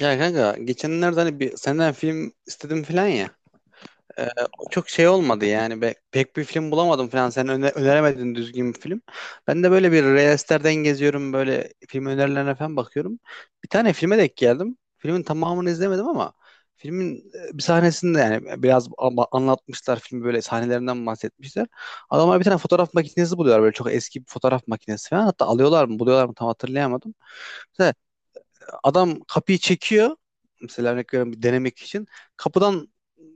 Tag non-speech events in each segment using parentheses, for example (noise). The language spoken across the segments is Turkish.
Ya kanka geçenlerde hani bir senden film istedim falan ya. Ee, O çok şey olmadı yani. Pek bir film bulamadım falan. Sen öneremedin düzgün bir film. Ben de böyle bir Reels'lerden geziyorum, böyle film önerilerine falan bakıyorum. Bir tane filme denk geldim. Filmin tamamını izlemedim ama filmin bir sahnesinde yani biraz anlatmışlar filmi, böyle sahnelerinden bahsetmişler. Adamlar bir tane fotoğraf makinesi buluyorlar, böyle çok eski bir fotoğraf makinesi falan. Hatta alıyorlar mı buluyorlar mı tam hatırlayamadım, adam kapıyı çekiyor. Mesela örnek veriyorum bir denemek için. Kapıdan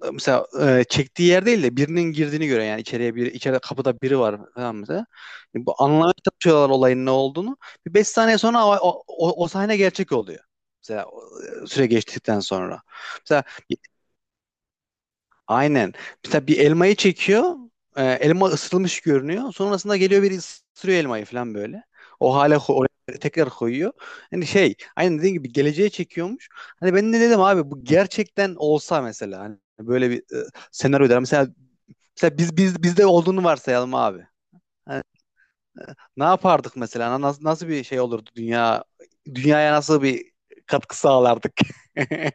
mesela çektiği yer değil de birinin girdiğini gören, yani içeriye bir içeride kapıda biri var falan mesela. Yani bu anlamaya çalışıyorlar olayın ne olduğunu. Bir 5 saniye sonra o sahne gerçek oluyor. Mesela süre geçtikten sonra. Mesela aynen. Mesela bir elmayı çekiyor. Elma ısıtılmış görünüyor. Sonrasında geliyor, biri ısırıyor elmayı falan böyle. O hale oraya tekrar koyuyor. Hani şey, aynen dediğin gibi geleceğe çekiyormuş. Hani ben de dedim abi, bu gerçekten olsa mesela, hani böyle bir senaryo der. Mesela, biz bizde olduğunu varsayalım abi. Hani ne yapardık mesela? Nasıl bir şey olurdu, dünyaya nasıl bir katkı sağlardık? (laughs)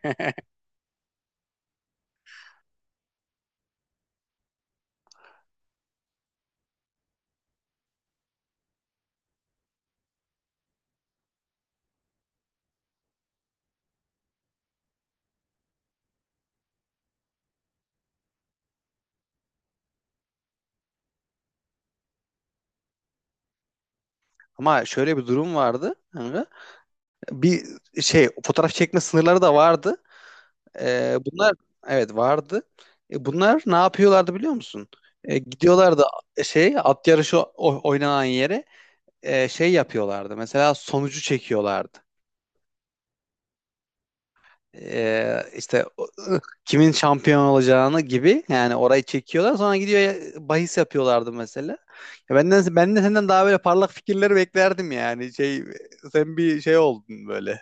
Ama şöyle bir durum vardı. Bir şey, fotoğraf çekme sınırları da vardı. Bunlar, evet, vardı. Bunlar ne yapıyorlardı biliyor musun? Gidiyorlardı, şey, at yarışı oynanan yere, şey yapıyorlardı. Mesela sonucu çekiyorlardı. E, işte o- Kimin şampiyon olacağını gibi yani, orayı çekiyorlar, sonra gidiyor bahis yapıyorlardı mesela. Ya ben de senden daha böyle parlak fikirleri beklerdim yani. Şey, sen bir şey oldun böyle.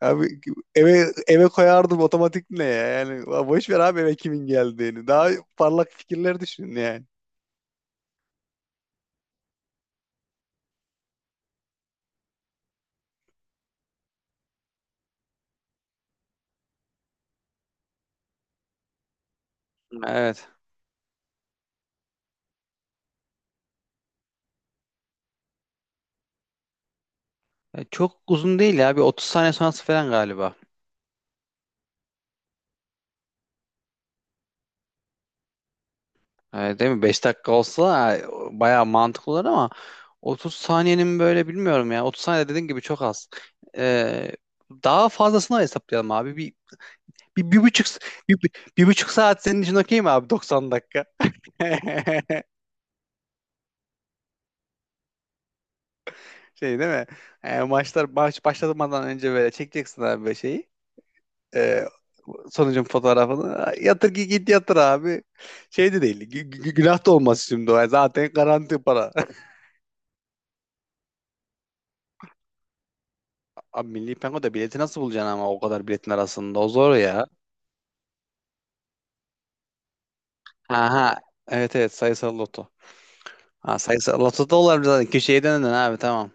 Abi, eve koyardım otomatik ne ya? Yani boş ver abi eve kimin geldiğini. Daha parlak fikirler düşün yani. Evet. Çok uzun değil ya. Bir 30 saniye sonrası falan galiba. Değil mi? 5 dakika olsa bayağı mantıklı olur ama 30 saniyenin böyle, bilmiyorum ya. 30 saniye dediğin gibi çok az. E, Daha fazlasını hesaplayalım abi. Bir buçuk, bir, bir, bir buçuk saat senin için okey mi abi? 90 dakika. (laughs) Şey, değil mi? Maçlar başlamadan önce böyle çekeceksin abi, böyle şeyi. E, Sonucun fotoğrafını. Yatır ki git, yatır abi. Şey de değil, günah da olmaz şimdi o. Zaten garanti para. (laughs) Abi, Milli Piyango'da bileti nasıl bulacaksın ama, o kadar biletin arasında. O zor ya. Aha. Evet, evet, sayısal loto. Ha, sayısal loto da olabilir zaten. Köşeye döndün abi, tamam.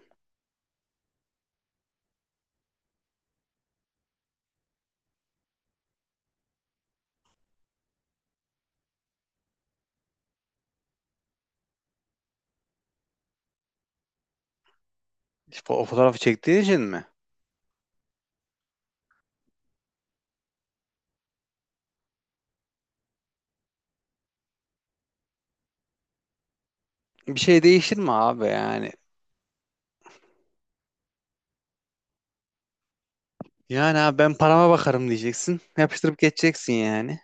İşte o fotoğrafı çektiğin için mi? Bir şey değişir mi abi yani? Yani abi, ben parama bakarım diyeceksin. Yapıştırıp geçeceksin yani.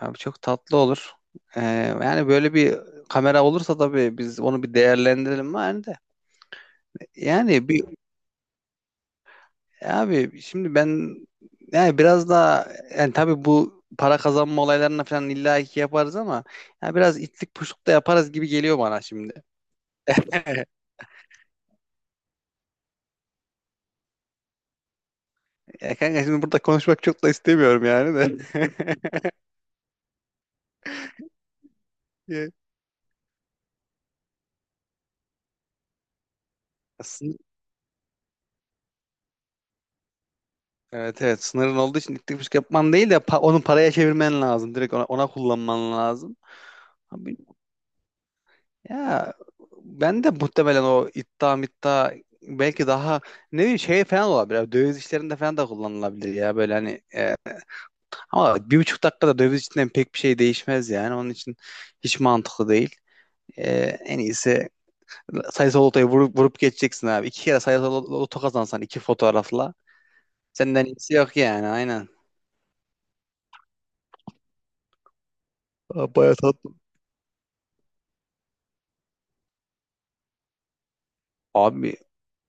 Abi çok tatlı olur. Ee, Yani böyle bir kamera olursa tabii biz onu bir değerlendirelim yani de. Yani bir abi şimdi ben, yani biraz daha, yani tabii bu para kazanma olaylarına falan illa ki yaparız ama yani biraz itlik puşluk da yaparız gibi geliyor bana şimdi. (laughs) Ya kanka, şimdi burada konuşmak çok da istemiyorum yani de. (laughs) Ya, sın- evet, evet, sınırın olduğu için itlik puşluk yapman değil de, onu paraya çevirmen lazım. Direkt ona kullanman lazım. Abi. Ya ben de muhtemelen o iddia middia, belki daha ne bileyim şey falan olabilir. Abi, döviz işlerinde falan da kullanılabilir ya, böyle hani ama bir buçuk dakikada döviz içinden pek bir şey değişmez, yani onun için hiç mantıklı değil. E, En iyisi sayısal lotoyu vurup geçeceksin abi. İki kere sayısal loto kazansan, iki fotoğrafla senden iyisi yok yani, aynen. Aa, bayağı tatlı. Abi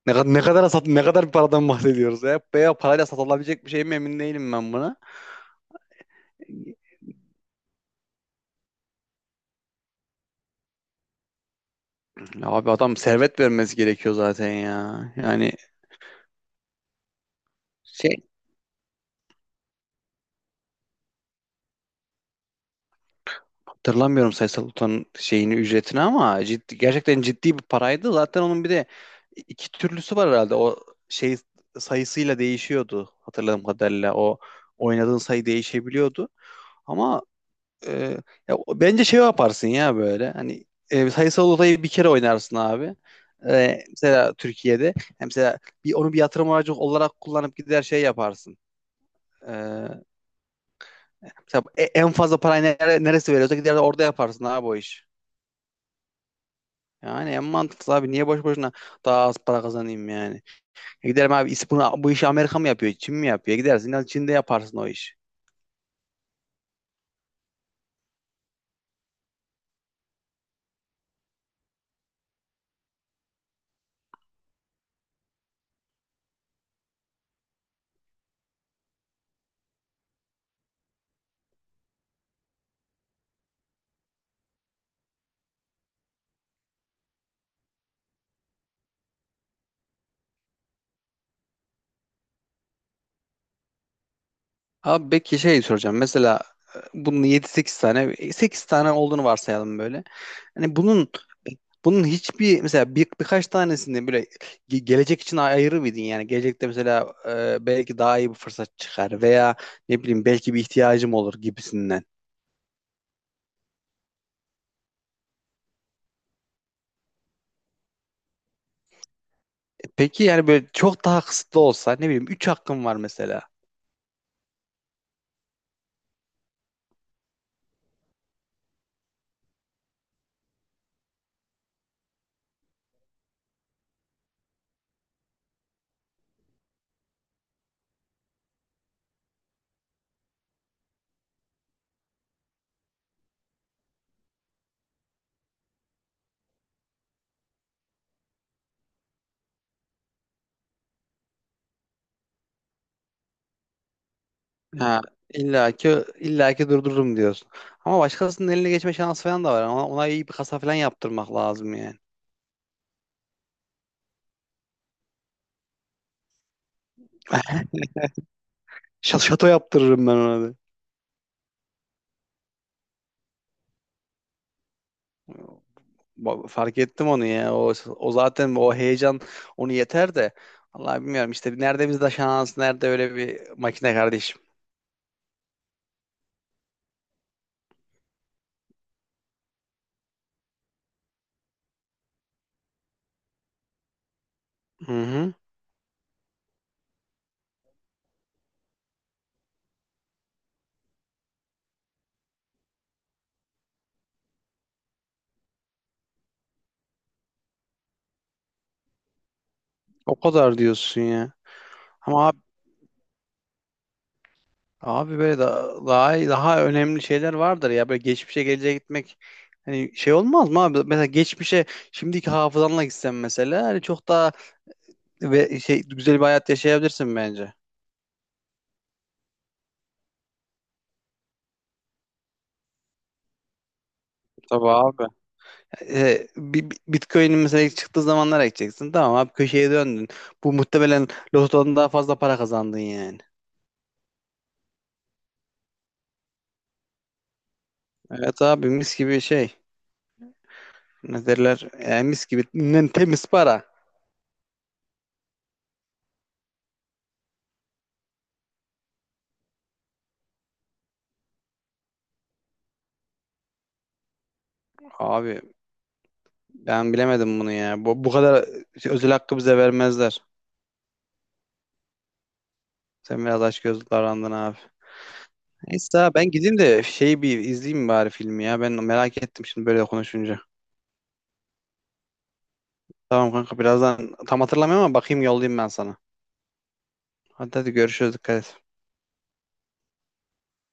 ne kadar bir paradan bahsediyoruz ya. Veya parayla satılabilecek bir şey mi, emin değilim ben buna. Ya abi, adam servet vermesi gerekiyor zaten ya. Yani şey, hatırlamıyorum Sayısal Utan'ın şeyini, ücretini, ama ciddi, gerçekten ciddi bir paraydı. Zaten onun bir de iki türlüsü var herhalde. O şey, sayısıyla değişiyordu hatırladığım kadarıyla. O oynadığın sayı değişebiliyordu. Ama e, bence şey yaparsın ya böyle. Hani sayısal odayı bir kere oynarsın abi. Mesela Türkiye'de. Hem mesela onu bir yatırım aracı olarak kullanıp gider şey yaparsın. E, Tabii en fazla parayı neresi veriyorsa gider de orada yaparsın abi o iş. Yani en mantıklı abi, niye boş boşuna daha az para kazanayım yani. Giderim abi, bu işi Amerika mı yapıyor Çin mi yapıyor, gidersin al Çin'de yaparsın o iş. Abi peki şey soracağım, mesela bunun yedi sekiz tane, 8 tane olduğunu varsayalım böyle. Hani bunun hiçbir, mesela birkaç tanesini böyle gelecek için ayırır mıydın yani? Gelecekte mesela belki daha iyi bir fırsat çıkar veya ne bileyim, belki bir ihtiyacım olur gibisinden. Peki yani böyle çok daha kısıtlı olsa, ne bileyim 3 hakkım var mesela. Ha, illaki illaki durdururum diyorsun. Ama başkasının eline geçme şansı falan da var. Ona iyi bir kasa falan yaptırmak lazım yani. (laughs) Şato yaptırırım ben ona da. Fark ettim onu ya. O, o zaten o heyecan onu yeter de. Vallahi bilmiyorum işte, nerede bizde şans, nerede öyle bir makine kardeşim. Hı hı. O kadar diyorsun ya. Ama abi, böyle daha önemli şeyler vardır ya, böyle geçmişe geleceğe gitmek, hani şey olmaz mı abi? Mesela geçmişe şimdiki hafızanla gitsen mesela, hani çok daha ve şey güzel bir hayat yaşayabilirsin bence. Tabii abi. Bitcoin'in mesela ilk çıktığı zamanlara gideceksin. Tamam abi, köşeye döndün. Bu muhtemelen lotodan daha fazla para kazandın yani. Evet abi, mis gibi şey. Ne derler? Mis gibi, temiz para. Abi ben bilemedim bunu ya. Bu kadar şey, özel hakkı bize vermezler. Sen biraz açgözlü davrandın abi. Neyse abi, ben gideyim de şeyi bir izleyeyim bari, filmi ya. Ben merak ettim şimdi böyle konuşunca. Tamam kanka, birazdan tam hatırlamıyorum ama bakayım, yollayayım ben sana. Hadi hadi, görüşürüz, dikkat et.